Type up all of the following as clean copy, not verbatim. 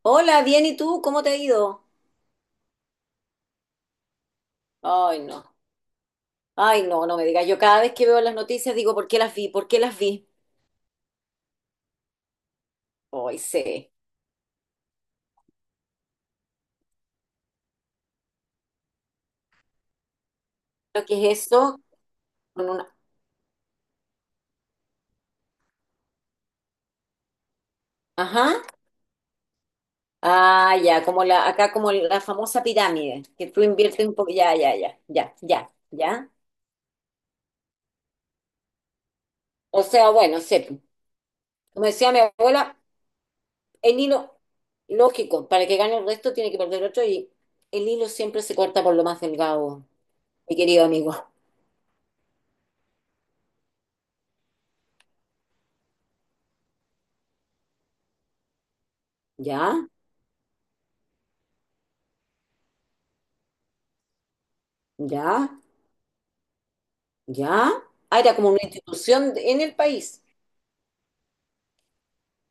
Hola, bien, ¿y tú? ¿Cómo te ha ido? Ay, no. Ay, no, no me digas. Yo cada vez que veo las noticias digo, ¿por qué las vi? ¿Por qué las vi? Ay, sé. ¿Lo que es eso? Con una. Ajá. Ah, ya, acá como la famosa pirámide, que tú inviertes un poco. Ya, ya, ya, ya, ya, ya. O sea, bueno, sé. Como decía mi abuela, el hilo, lógico, para que gane el resto tiene que perder otro y el hilo siempre se corta por lo más delgado, mi querido amigo. ¿Ya? ¿Ya? ¿Ya? Ah, era como una institución en el país.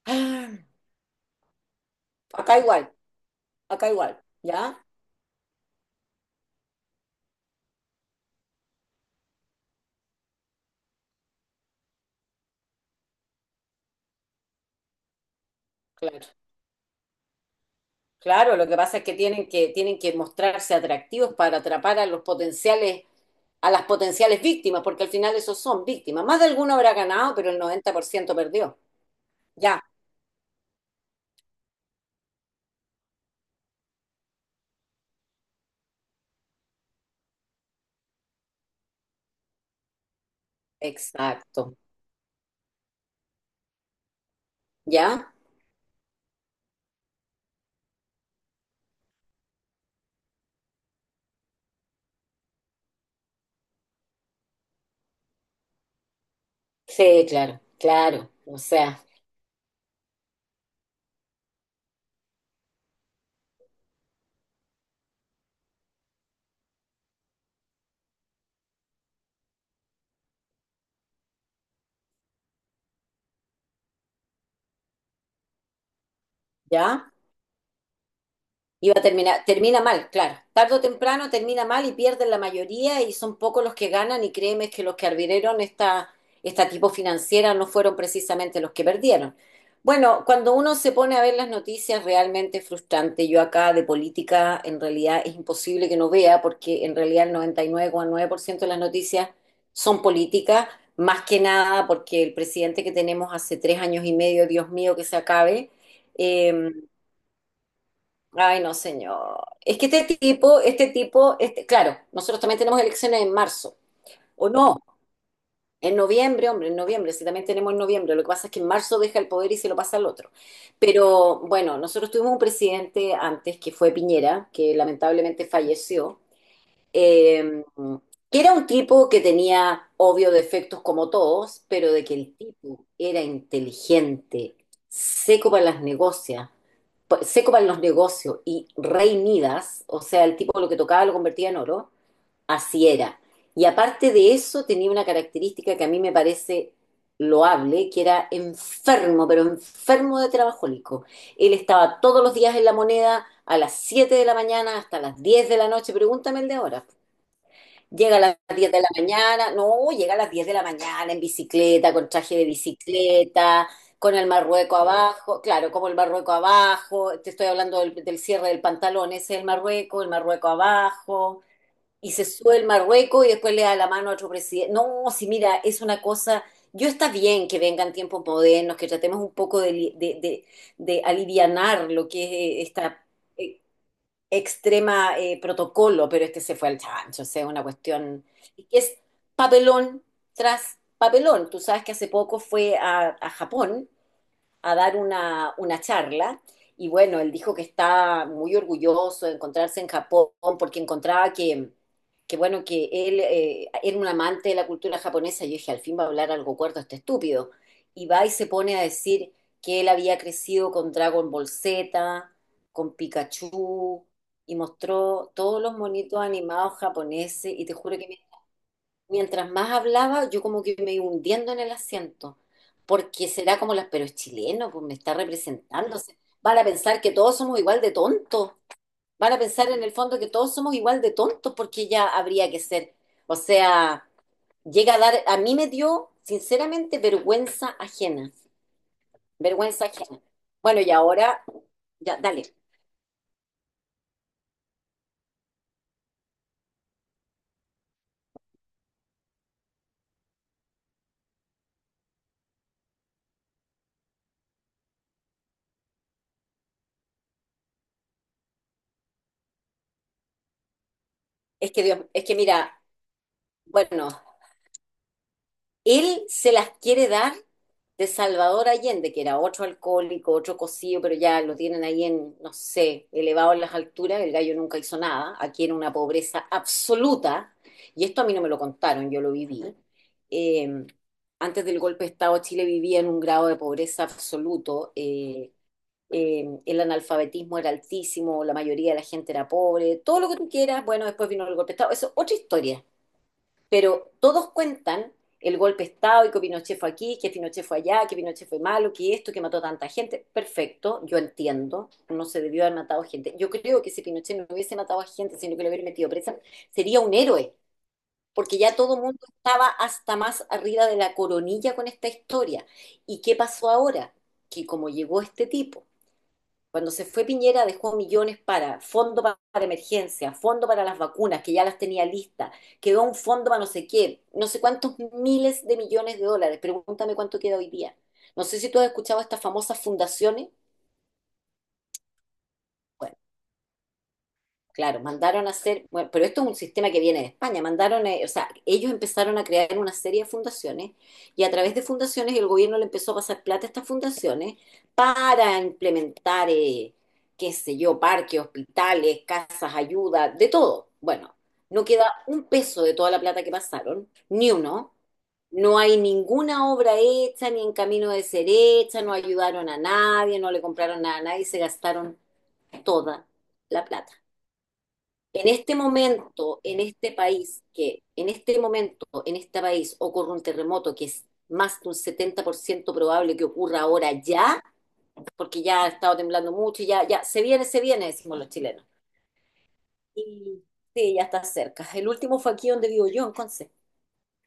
Ah, acá igual, acá igual, ¿ya? Claro. Claro, lo que pasa es que tienen que mostrarse atractivos para atrapar a los potenciales, a las potenciales víctimas, porque al final esos son víctimas. Más de alguno habrá ganado, pero el 90% perdió. Ya, exacto. ¿Ya? Sí, claro, claro. O sea, ¿ya? Iba a terminar, termina mal, claro. Tarde o temprano termina mal y pierden la mayoría y son pocos los que ganan y créeme que los que arbitraron esta tipo financiera no fueron precisamente los que perdieron. Bueno, cuando uno se pone a ver las noticias realmente es frustrante. Yo acá de política en realidad es imposible que no vea porque en realidad el 99,9% de las noticias son políticas, más que nada porque el presidente que tenemos hace 3 años y medio, Dios mío, que se acabe. em, Ay, no, señor. Es que este tipo, claro, nosotros también tenemos elecciones en marzo, ¿o no? En noviembre, hombre, en noviembre, sí, también tenemos en noviembre. Lo que pasa es que en marzo deja el poder y se lo pasa al otro. Pero bueno, nosotros tuvimos un presidente antes que fue Piñera, que lamentablemente falleció, eh, que era un tipo que tenía obvio defectos como todos, pero de que el tipo era inteligente, seco para las negocias, pa- seco para los negocios y rey Midas, o sea, el tipo lo que tocaba lo convertía en oro, así era. Y aparte de eso tenía una característica que a mí me parece loable, que era enfermo, pero enfermo de trabajólico. Él estaba todos los días en la moneda a las 7 de la mañana hasta las 10 de la noche, pregúntame el de ahora. Llega a las 10 de la mañana, no, llega a las 10 de la mañana en bicicleta, con traje de bicicleta, con el marrueco abajo, claro, como el marrueco abajo, te estoy hablando del cierre del pantalón, ese es el marrueco abajo, y se sube el marrueco y después le da la mano a otro presidente. No, si mira, es una cosa, yo está bien que vengan tiempos modernos, que tratemos un poco de, li- de alivianar lo que es esta eh, extrema protocolo, pero este se fue al chancho, o sea, una cuestión y que es papelón tras papelón. Tú sabes que hace poco fue a Japón a dar una charla y bueno, él dijo que está muy orgulloso de encontrarse en Japón porque encontraba que bueno, que él era un amante de la cultura japonesa. Yo dije, al fin va a hablar algo cuerdo este estúpido. Y va y se pone a decir que él había crecido con Dragon Ball Z, con Pikachu, y mostró todos los monitos animados japoneses, y te juro que mientras más hablaba, yo como que me iba hundiendo en el asiento, porque será como las, pero es chileno, pues me está representando. Van a pensar que todos somos igual de tontos. Van a pensar en el fondo que todos somos igual de tontos, porque ya habría que ser. O sea, llega a dar, a mí me dio, sinceramente, vergüenza ajena. Vergüenza ajena. Bueno, y ahora, ya, dale. Es que Dios, es que mira, bueno, él se las quiere dar de Salvador Allende, que era otro alcohólico, otro cocido, pero ya lo tienen ahí en, no sé, elevado en las alturas. El gallo nunca hizo nada. Aquí era una pobreza absoluta. Y esto a mí no me lo contaron, yo lo viví. Eh, Antes del golpe de Estado, Chile vivía en un grado de pobreza absoluto. El analfabetismo era altísimo, la mayoría de la gente era pobre, todo lo que tú quieras. Bueno, después vino el golpe de Estado. Eso es otra historia, pero todos cuentan el golpe de Estado y que Pinochet fue aquí, que Pinochet fue allá, que Pinochet fue malo, que esto, que mató tanta gente. Perfecto, yo entiendo, no se debió haber matado gente. Yo creo que si Pinochet no hubiese matado a gente, sino que lo hubiera metido presa, sería un héroe, porque ya todo el mundo estaba hasta más arriba de la coronilla con esta historia. ¿Y qué pasó ahora? Que como llegó este tipo cuando se fue Piñera dejó millones para para emergencia, fondo para las vacunas, que ya las tenía listas, quedó un fondo para no sé qué, no sé cuántos miles de millones de dólares. Pregúntame cuánto queda hoy día. No sé si tú has escuchado estas famosas fundaciones. Claro, mandaron a hacer, bueno, pero esto es un sistema que viene de España, mandaron, o sea, ellos empezaron a crear una serie de fundaciones y a través de fundaciones el gobierno le empezó a pasar plata a estas fundaciones para implementar, qué sé yo, parques, hospitales, casas, ayuda, de todo. Bueno, no queda un peso de toda la plata que pasaron, ni uno. No hay ninguna obra hecha, ni en camino de ser hecha, no ayudaron a nadie, no le compraron nada a nadie, se gastaron toda la plata. En este momento, en este país, que en este momento, en este país ocurre un terremoto que es más de un 70% probable que ocurra ahora ya, porque ya ha estado temblando mucho, ya, ya, se viene, decimos los chilenos. Y sí, ya está cerca. El último fue aquí donde vivo yo, entonces.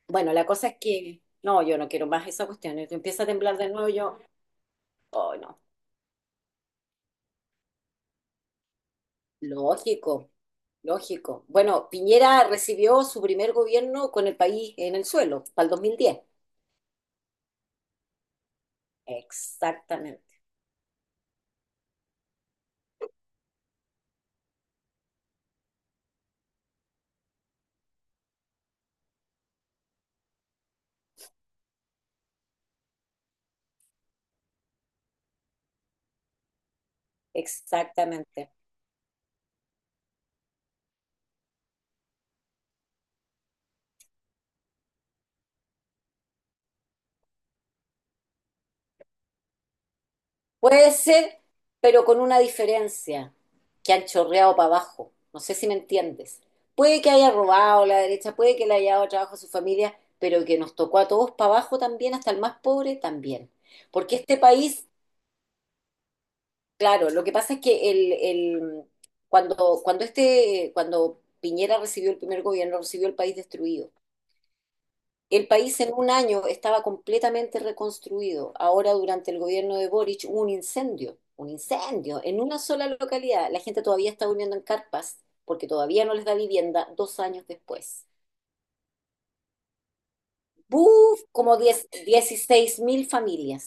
Bueno, la cosa es que, no, yo no quiero más esa cuestión. Y empieza a temblar de nuevo, yo, oh, no. Lógico, lógico. Bueno, Piñera recibió su primer gobierno con el país en el suelo, para el 2010. Exactamente, exactamente. Puede ser, pero con una diferencia, que han chorreado para abajo. No sé si me entiendes. Puede que haya robado la derecha, puede que le haya dado trabajo a su familia, pero que nos tocó a todos para abajo también, hasta el más pobre también. Porque este país, claro, lo que pasa es que cuando Piñera recibió el primer gobierno, recibió el país destruido. El país en un año estaba completamente reconstruido. Ahora, durante el gobierno de Boric, hubo un incendio en una sola localidad. La gente todavía está durmiendo en carpas porque todavía no les da vivienda 2 años después. ¡Buf! Como 10, 16.000 familias.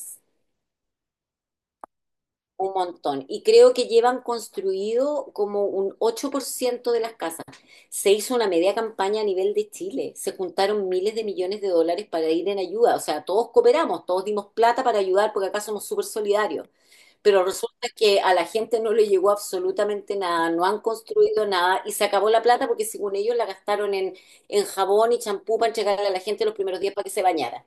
Un montón. Y creo que llevan construido como un 8% de las casas. Se hizo una media campaña a nivel de Chile. Se juntaron miles de millones de dólares para ir en ayuda. O sea, todos cooperamos, todos dimos plata para ayudar porque acá somos súper solidarios. Pero resulta que a la gente no le llegó absolutamente nada, no han construido nada y se acabó la plata porque según ellos la gastaron en jabón y champú para entregarle a la gente los primeros días para que se bañara.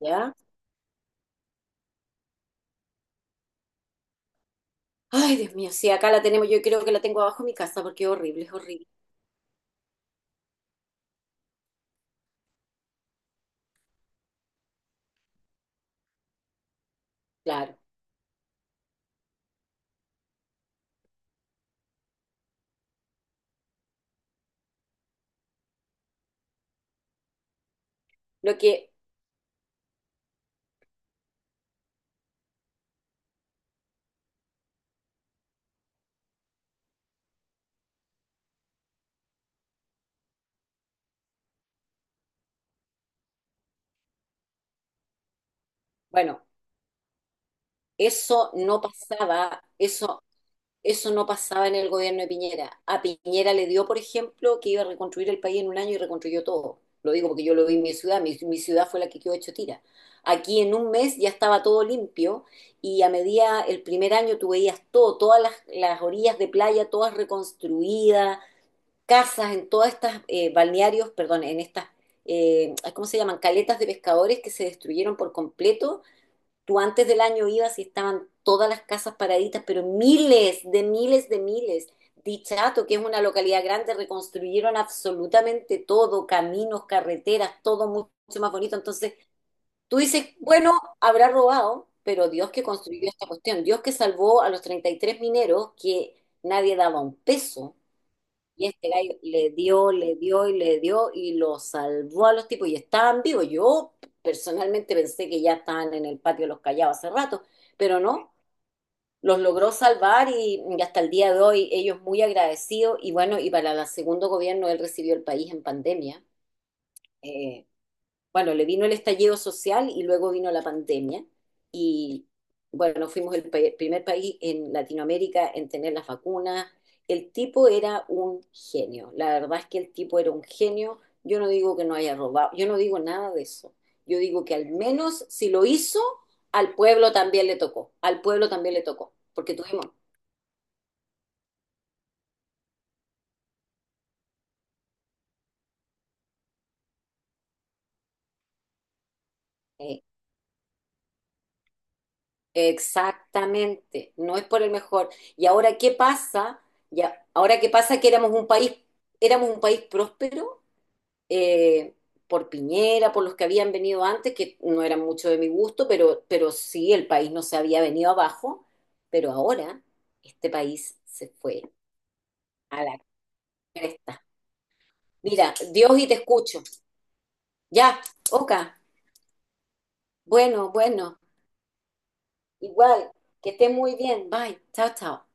¿Ya? Ay, Dios mío, sí, acá la tenemos, yo creo que la tengo abajo en mi casa porque es horrible, es horrible. Claro. Lo que, bueno, Eso no pasaba, eso no pasaba en el gobierno de Piñera. A Piñera le dio, por ejemplo, que iba a reconstruir el país en un año y reconstruyó todo. Lo digo porque yo lo vi en mi ciudad, mi ciudad fue la que quedó hecho tira. Aquí en un mes ya estaba todo limpio y a medida, el primer año tú veías todo, todas las orillas de playa, todas reconstruidas, casas en todas estas balnearios, perdón, en estas, ¿cómo se llaman? Caletas de pescadores que se destruyeron por completo. Tú antes del año ibas y estaban todas las casas paraditas, pero miles de miles de miles. Dichato, que es una localidad grande, reconstruyeron absolutamente todo, caminos, carreteras, todo mucho más bonito. Entonces, tú dices, bueno, habrá robado, pero Dios que construyó esta cuestión, Dios que salvó a los 33 mineros que nadie daba un peso y este gallo le dio y lo salvó a los tipos y estaban vivos. Yo personalmente pensé que ya estaban en el patio de los callados hace rato, pero no, los logró salvar y hasta el día de hoy ellos muy agradecidos y bueno, y para el segundo gobierno él recibió el país en pandemia. Eh, bueno, le vino el estallido social y luego vino la pandemia. Y bueno, fuimos el primer país en Latinoamérica en tener las vacunas. El tipo era un genio. La verdad es que el tipo era un genio. Yo no digo que no haya robado, yo no digo nada de eso. Yo digo que al menos si lo hizo, al pueblo también le tocó. Al pueblo también le tocó. Porque tuvimos, eh, Exactamente, no es por el mejor. Y ahora qué pasa, ya, ahora qué pasa que éramos un país próspero eh, por Piñera, por los que habían venido antes, que no eran mucho de mi gusto, pero sí el país no se había venido abajo, pero ahora este país se fue a la cresta. Mira, Dios y te escucho. Ya, Oka, bueno, bueno, igual, que estés muy bien. Bye, chao, chao.